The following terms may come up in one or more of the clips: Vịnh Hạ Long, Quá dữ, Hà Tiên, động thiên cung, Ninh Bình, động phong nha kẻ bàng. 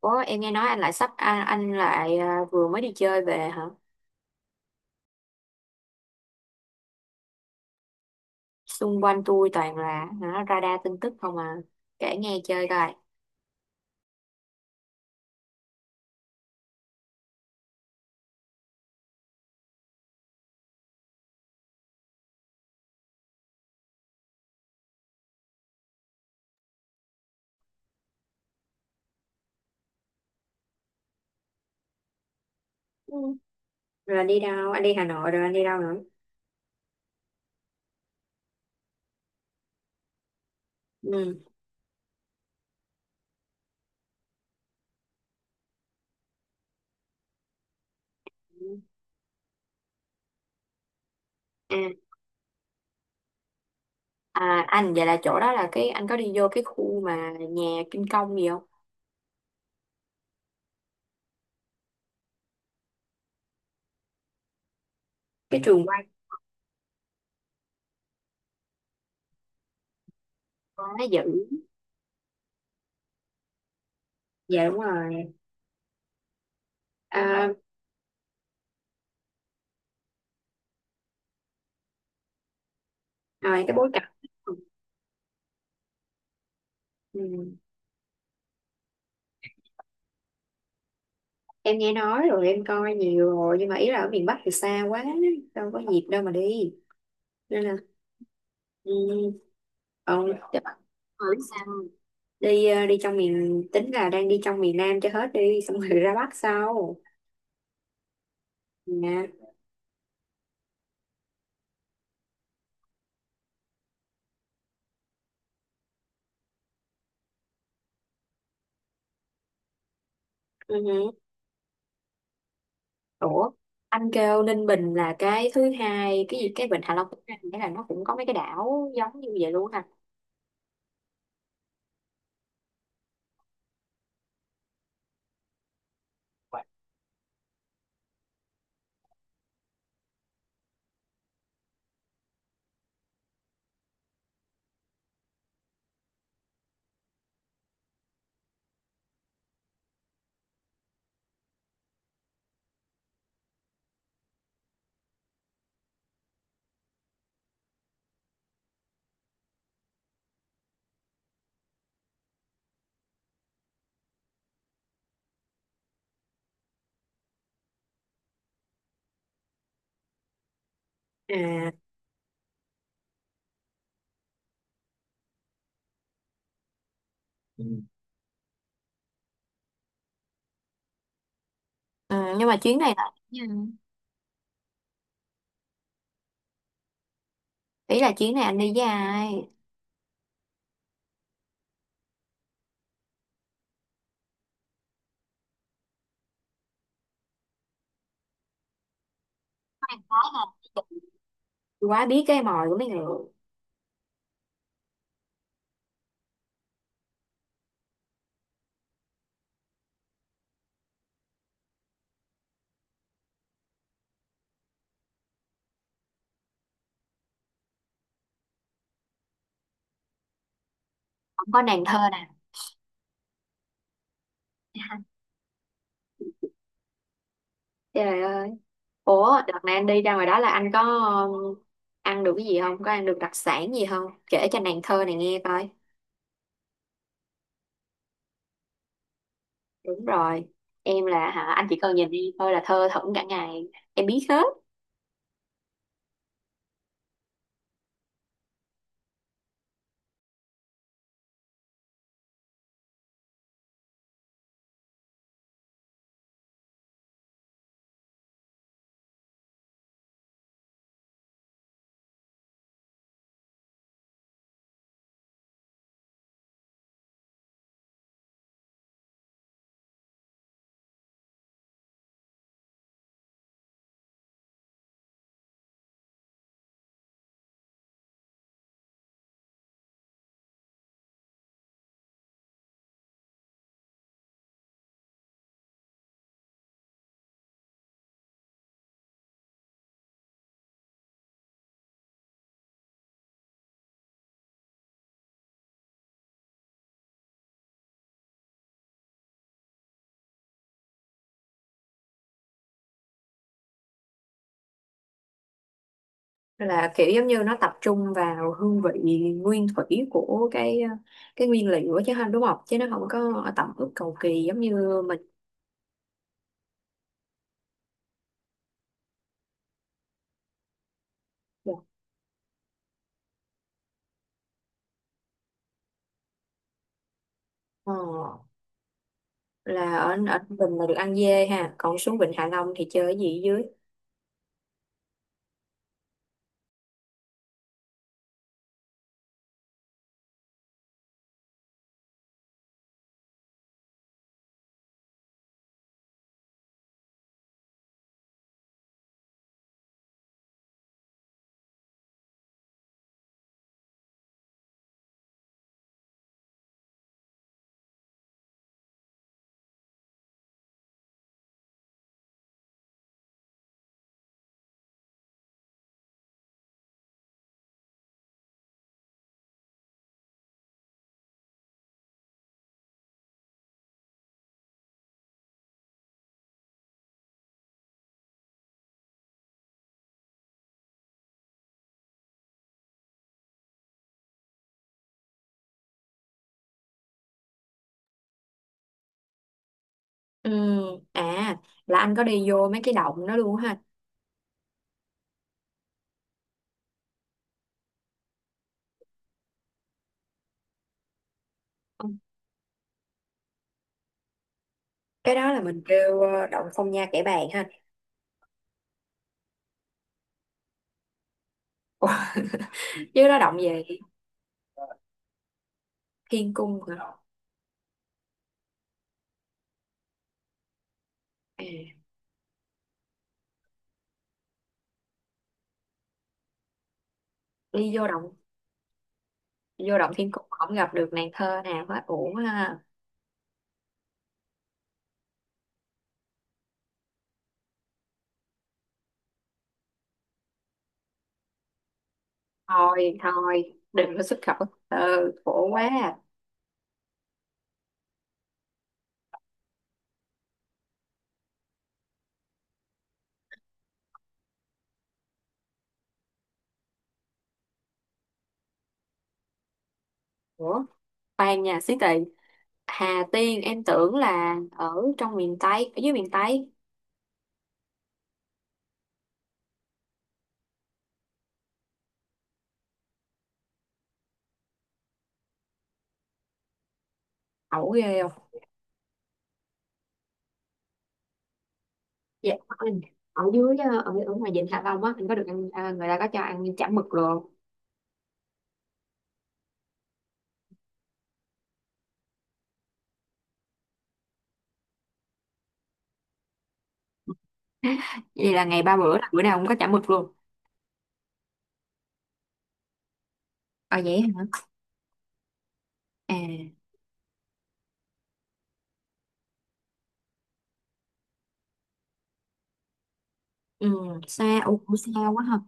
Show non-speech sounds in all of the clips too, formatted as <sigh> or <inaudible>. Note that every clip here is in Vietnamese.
Ủa, em nghe nói anh lại sắp anh lại vừa mới đi chơi về hả? Xung quanh tôi toàn là radar tin tức không à. Kể nghe chơi coi. Ừ. Rồi đi đâu? Anh đi Hà Nội rồi anh đi đâu nữa? Ừ. À, à anh vậy là chỗ đó là cái anh có đi vô cái khu mà nhà Kim Công gì không? Cái trường quay. Quá dữ. Dạ đúng rồi. À, rồi cái bối cảnh. Ừ. Em nghe nói rồi, em coi nhiều rồi, nhưng mà ý là ở miền Bắc thì xa quá, đâu có dịp đâu mà đi nên là ừ. Ừ, để bạn hỏi sao. Đi đi trong miền, tính là đang đi trong miền Nam cho hết đi, xong rồi ra Bắc sau nè. Ừ, hử. Ủa anh kêu Ninh Bình là cái thứ hai, cái gì cái Vịnh Hạ Long thứ hai, nghĩa là nó cũng có mấy cái đảo giống như vậy luôn hả? À. Ừ, nhưng mà chuyến này là, ý là chuyến này anh đi với ai? Có em gái nè. Quá biết cái mồi của mấy người. Không có nàng thơ nè. Trời ơi. Ủa, đợt này anh đi ra ngoài đó là anh có um, ăn được cái gì không? Có ăn được đặc sản gì không? Kể cho nàng thơ này nghe coi. Đúng rồi. Em là hả, anh chỉ cần nhìn đi thôi là thơ thẩn cả ngày. Em biết hết. Là kiểu giống như nó tập trung vào hương vị nguyên thủy của cái nguyên liệu á chứ không, đúng không? Chứ nó không có tẩm ướp cầu kỳ giống như mình. Ờ, là ở, ở Bình là được ăn dê ha. Còn xuống Vịnh Hạ Long thì chơi cái gì ở dưới? Ừ, à là anh có đi vô mấy cái động đó luôn ha. Cái đó là mình kêu động Phong Nha Kẻ Bàng ha? Ủa, chứ nó động về thiên cung hả? À, đi vô động, vô động thiên cung không gặp được nàng thơ nào hết, uổng ha. Thôi thôi đừng có xuất khẩu, ừ, khổ quá à. Ủa, khoan nha xí tị. Hà Tiên em tưởng là ở trong miền Tây, ở dưới miền Tây. Ẩu ghê không. Dạ anh, ở dưới ở, ở ngoài vịnh Hạ Long á anh có được ăn người ta có cho ăn chả mực luôn? Vậy là ngày ba bữa là bữa nào cũng có chả mực luôn? Ờ vậy hả. À. Ừ, xa, ủa cũng xa quá ha.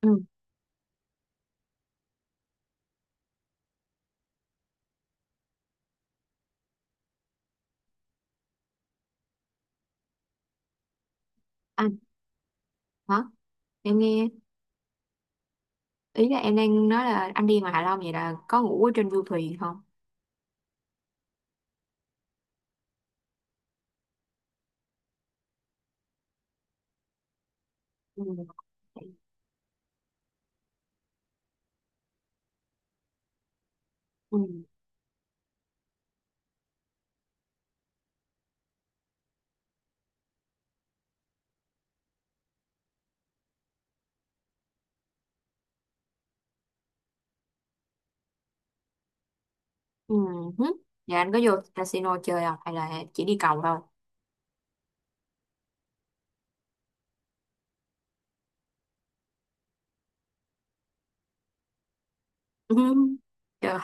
Ừ, anh. Hả? Em nghe, ý là em đang nói là anh đi ngoài Hạ Long vậy là có ngủ ở trên du thuyền không? Ừ. Ừ. Ừ. Hứ. Dạ anh có vô casino chơi không hay là chỉ đi cầu thôi? Ừ. <laughs> Trời,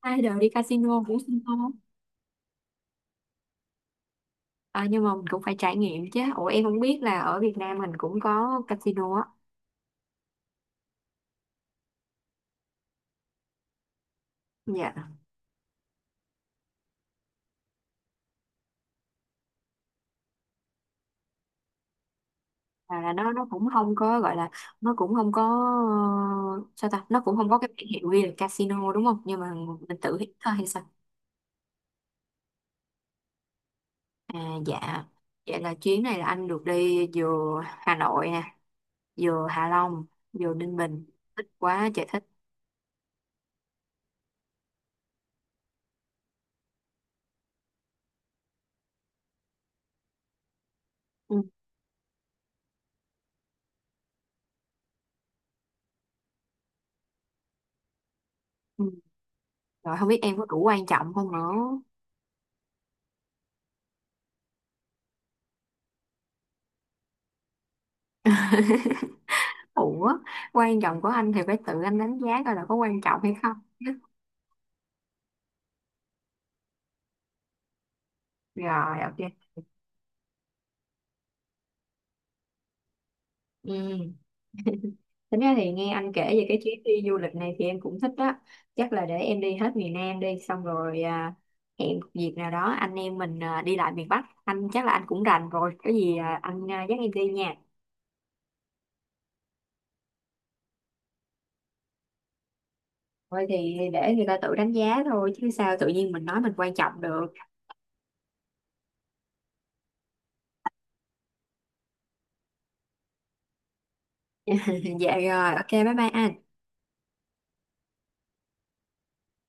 ai đời đi casino cũng xin không. À, nhưng mà mình cũng phải trải nghiệm chứ. Ủa em không biết là ở Việt Nam mình cũng có casino á. Dạ. À, là nó cũng không có gọi là, nó cũng không có ờ, sao ta, nó cũng không có cái biển hiệu ghi là casino đúng không, nhưng mà mình tự hít thôi hay sao? À dạ. Vậy là chuyến này là anh được đi vừa Hà Nội nè, vừa Hạ Long, vừa Ninh Bình. Thích quá trời thích. Ừ. Ừ. Rồi không biết em có đủ quan trọng không nữa. <laughs> Ủa, quan trọng của anh thì phải tự anh đánh giá coi là có quan trọng hay không chứ. Rồi, ok. Ừ. Tính ra thì nghe anh kể về cái chuyến đi du lịch này thì em cũng thích đó. Chắc là để em đi hết miền Nam đi, xong rồi hẹn một dịp nào đó anh em mình đi lại miền Bắc. Anh chắc là anh cũng rành rồi, có gì anh dắt em đi nha. Thôi thì để người ta tự đánh giá thôi, chứ sao tự nhiên mình nói mình quan trọng được. <laughs> Dạ rồi, ok bye bye anh.